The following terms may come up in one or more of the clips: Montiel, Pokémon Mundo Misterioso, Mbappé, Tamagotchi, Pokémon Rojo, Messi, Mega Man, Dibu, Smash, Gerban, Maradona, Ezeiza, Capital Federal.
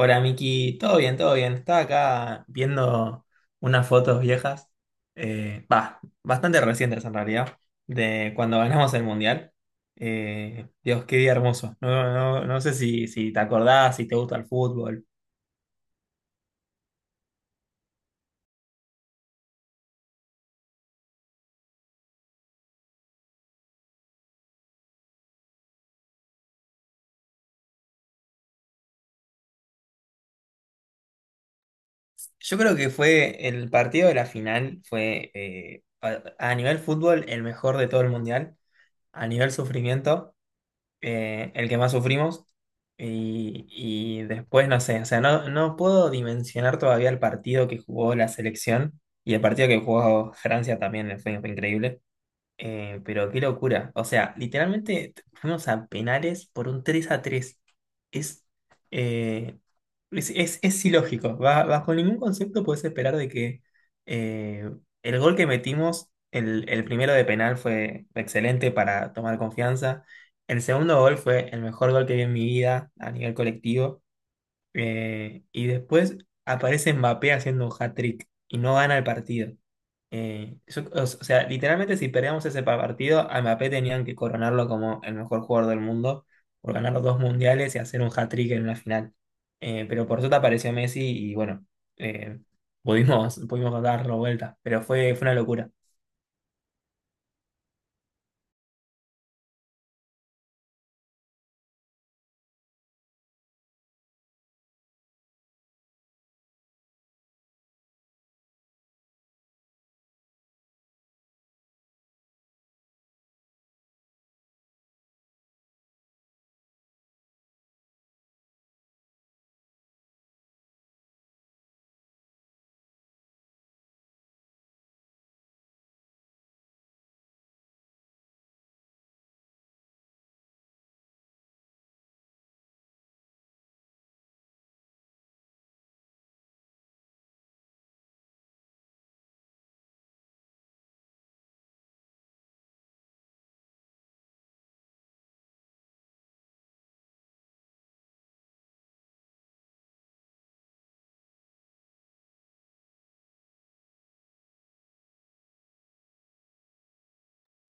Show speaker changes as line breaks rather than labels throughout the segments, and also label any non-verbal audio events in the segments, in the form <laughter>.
Hola Miki, todo bien, todo bien. Estaba acá viendo unas fotos viejas, bah, bastante recientes en realidad, de cuando ganamos el Mundial. Dios, qué día hermoso. No, no, no sé si te acordás, si te gusta el fútbol. Yo creo que fue el partido de la final, fue a nivel fútbol el mejor de todo el Mundial, a nivel sufrimiento. El que más sufrimos. Y después, no sé, o sea, no, no puedo dimensionar todavía el partido que jugó la selección y el partido que jugó Francia también fue increíble. Pero qué locura. O sea, literalmente fuimos a penales por un 3-3. Es, eh, es ilógico. Bajo ningún concepto puedes esperar de que eh, el gol que metimos, el primero de penal fue excelente para tomar confianza. El segundo gol fue el mejor gol que vi en mi vida a nivel colectivo. Y después aparece Mbappé haciendo un hat-trick y no gana el partido. O sea, literalmente si perdíamos ese partido, a Mbappé tenían que coronarlo como el mejor jugador del mundo por ganar los dos mundiales y hacer un hat-trick en una final. Pero por suerte apareció Messi y bueno, eh, pudimos, <laughs> pudimos darlo vuelta, pero fue una locura.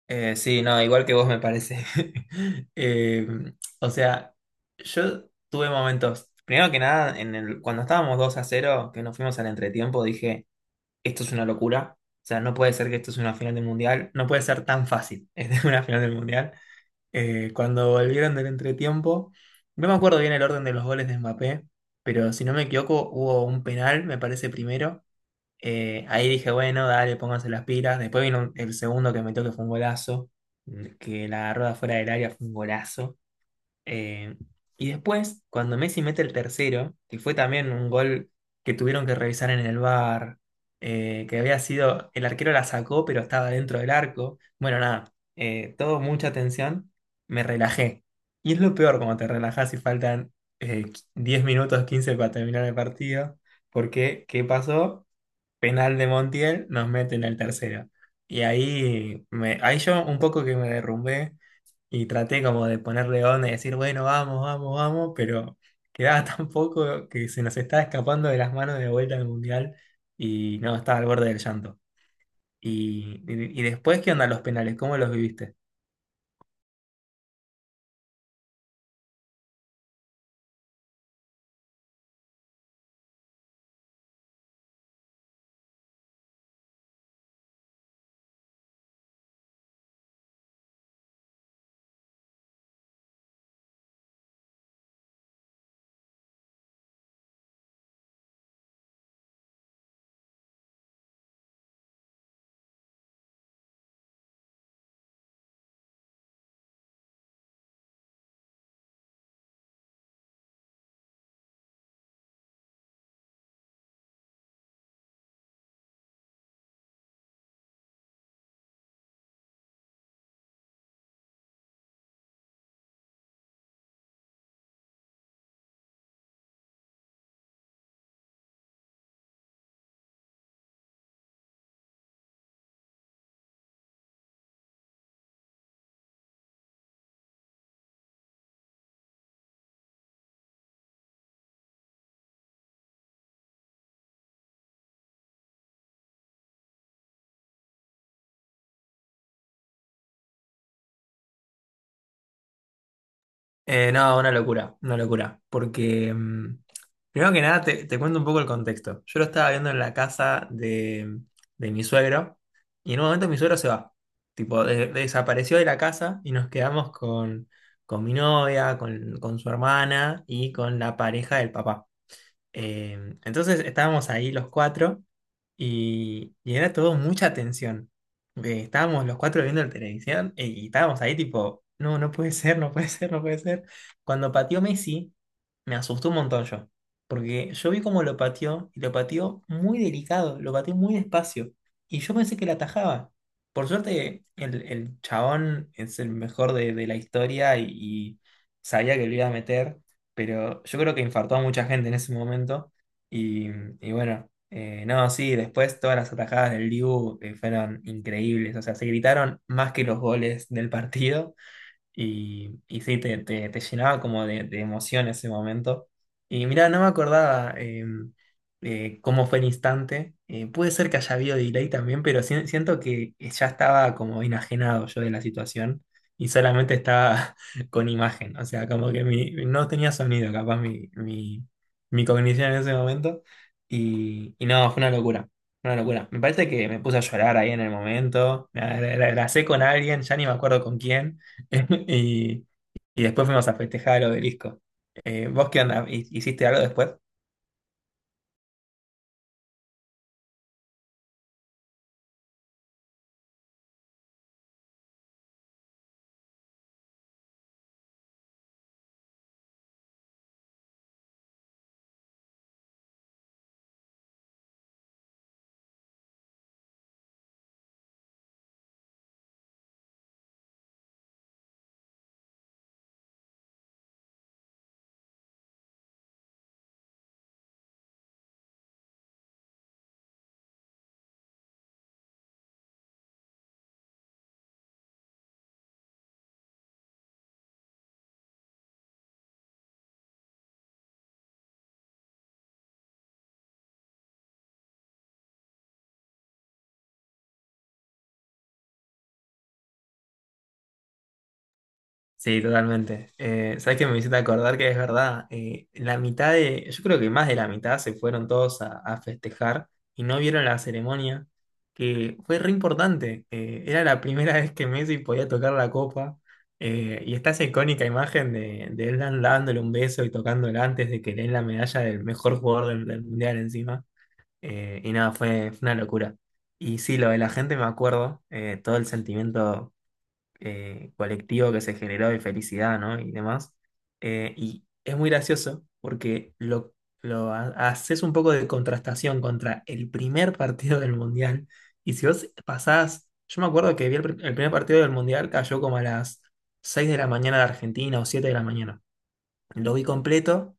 Sí, no, igual que vos me parece. <laughs> Eh, o sea, yo tuve momentos, primero que nada, en cuando estábamos 2-0, que nos fuimos al entretiempo, dije, esto es una locura. O sea, no puede ser que esto es una final del mundial, no puede ser tan fácil, <laughs> es una final del mundial. Cuando volvieron del entretiempo, no me acuerdo bien el orden de los goles de Mbappé, pero si no me equivoco, hubo un penal, me parece primero. Ahí dije, bueno, dale, pónganse las pilas. Después vino el segundo que metió que fue un golazo, que la rueda fuera del área fue un golazo. Eh, y después, cuando Messi mete el tercero, que fue también un gol que tuvieron que revisar en el VAR, que había sido, el arquero la sacó, pero estaba dentro del arco. Bueno, nada, todo mucha tensión, me relajé. Y es lo peor cuando te relajas y faltan 10 minutos, 15 para terminar el partido, porque ¿qué pasó? Penal de Montiel, nos meten al tercero. Y ahí yo un poco que me derrumbé y traté como de ponerle onda y decir, bueno, vamos, vamos, vamos, pero quedaba <laughs> tan poco que se nos estaba escapando de las manos de vuelta al Mundial y no, estaba al borde del llanto. Y después, ¿qué onda los penales? ¿Cómo los viviste? No, una locura, porque primero que nada te cuento un poco el contexto. Yo lo estaba viendo en la casa de mi suegro y en un momento mi suegro se va, tipo, desapareció de la casa y nos quedamos con mi novia, con su hermana y con la pareja del papá. Entonces estábamos ahí los cuatro y era todo mucha tensión. Estábamos los cuatro viendo la televisión, y estábamos ahí tipo, no, no puede ser, no puede ser, no puede ser. Cuando pateó Messi, me asustó un montón yo, porque yo vi cómo lo pateó y lo pateó muy delicado, lo pateó muy despacio y yo pensé que la atajaba. Por suerte, el chabón es el mejor de la historia y sabía que lo iba a meter, pero yo creo que infartó a mucha gente en ese momento. Y, y bueno, no, sí, después todas las atajadas del Dibu fueron increíbles. O sea, se gritaron más que los goles del partido. Y sí, te llenaba como de emoción ese momento. Y mira, no me acordaba cómo fue el instante. Puede ser que haya habido delay también, pero siento que ya estaba como enajenado yo de la situación y solamente estaba <laughs> con imagen. O sea, como que no tenía sonido, capaz mi cognición en ese momento. Y no, fue una locura. Una locura. Me parece que me puse a llorar ahí en el momento. Abracé con alguien, ya ni me acuerdo con quién. <laughs> Y y después fuimos a festejar al obelisco. ¿Vos qué onda? ¿Hiciste algo después? Sí, totalmente. ¿Sabés qué me hiciste acordar que es verdad? La mitad de, yo creo que más de la mitad se fueron todos a festejar y no vieron la ceremonia, que fue re importante. Era la primera <laughs> vez que Messi podía tocar la copa. Y está esa icónica imagen de él dándole un beso y tocándola antes de que le den la medalla del mejor jugador del mundial encima. Y nada, fue una locura. Y sí, lo de la gente me acuerdo, todo el sentimiento colectivo que se generó de felicidad, ¿no? Y demás. Y es muy gracioso porque haces un poco de contrastación contra el primer partido del Mundial. Y si vos pasás, yo me acuerdo que vi el primer partido del Mundial cayó como a las 6 de la mañana de Argentina o 7 de la mañana. Lo vi completo,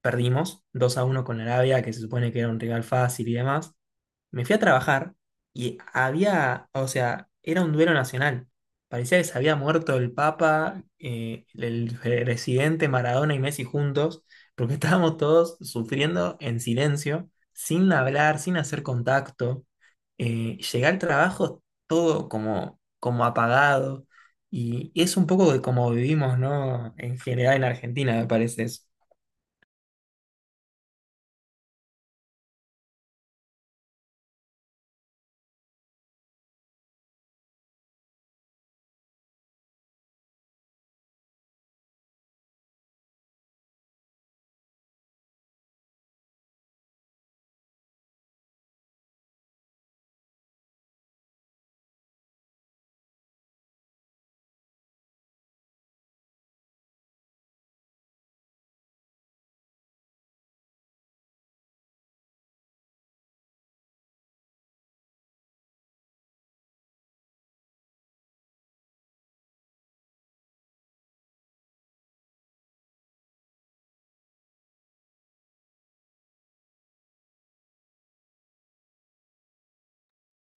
perdimos 2-1 con Arabia, que se supone que era un rival fácil y demás. Me fui a trabajar y había, o sea, era un duelo nacional. Parecía que se había muerto el Papa, el presidente Maradona y Messi juntos, porque <laughs> estábamos todos sufriendo en silencio, sin hablar, sin hacer contacto. Llegué al trabajo todo como, como apagado y es un poco de como vivimos, ¿no? En general en Argentina, me parece eso.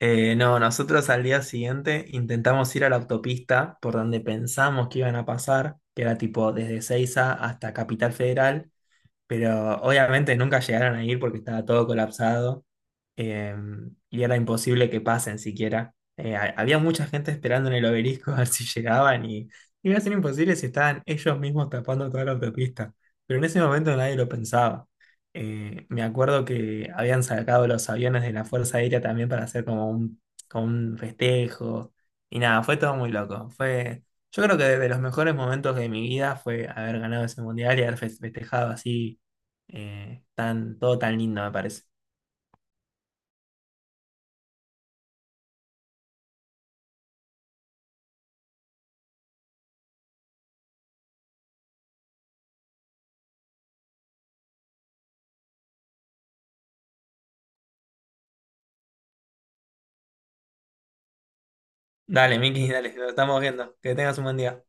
No, nosotros al día siguiente intentamos ir a la autopista por donde pensamos que iban a pasar, que era tipo desde Ezeiza hasta Capital Federal, pero obviamente nunca llegaron a ir porque estaba todo colapsado, eh, y era imposible que pasen siquiera. Había mucha gente esperando en el obelisco <laughs> a ver si llegaban y iba a ser imposible si estaban ellos mismos tapando toda la autopista. Pero en ese momento nadie lo pensaba. Me acuerdo que habían sacado los aviones de la Fuerza Aérea también para hacer como como un festejo. Y nada, fue todo muy loco. Yo creo que de los mejores momentos de mi vida fue haber ganado ese mundial y haber festejado así, todo tan lindo me parece. Dale, Miki, <laughs> dale, lo estamos viendo. Que tengas un buen día.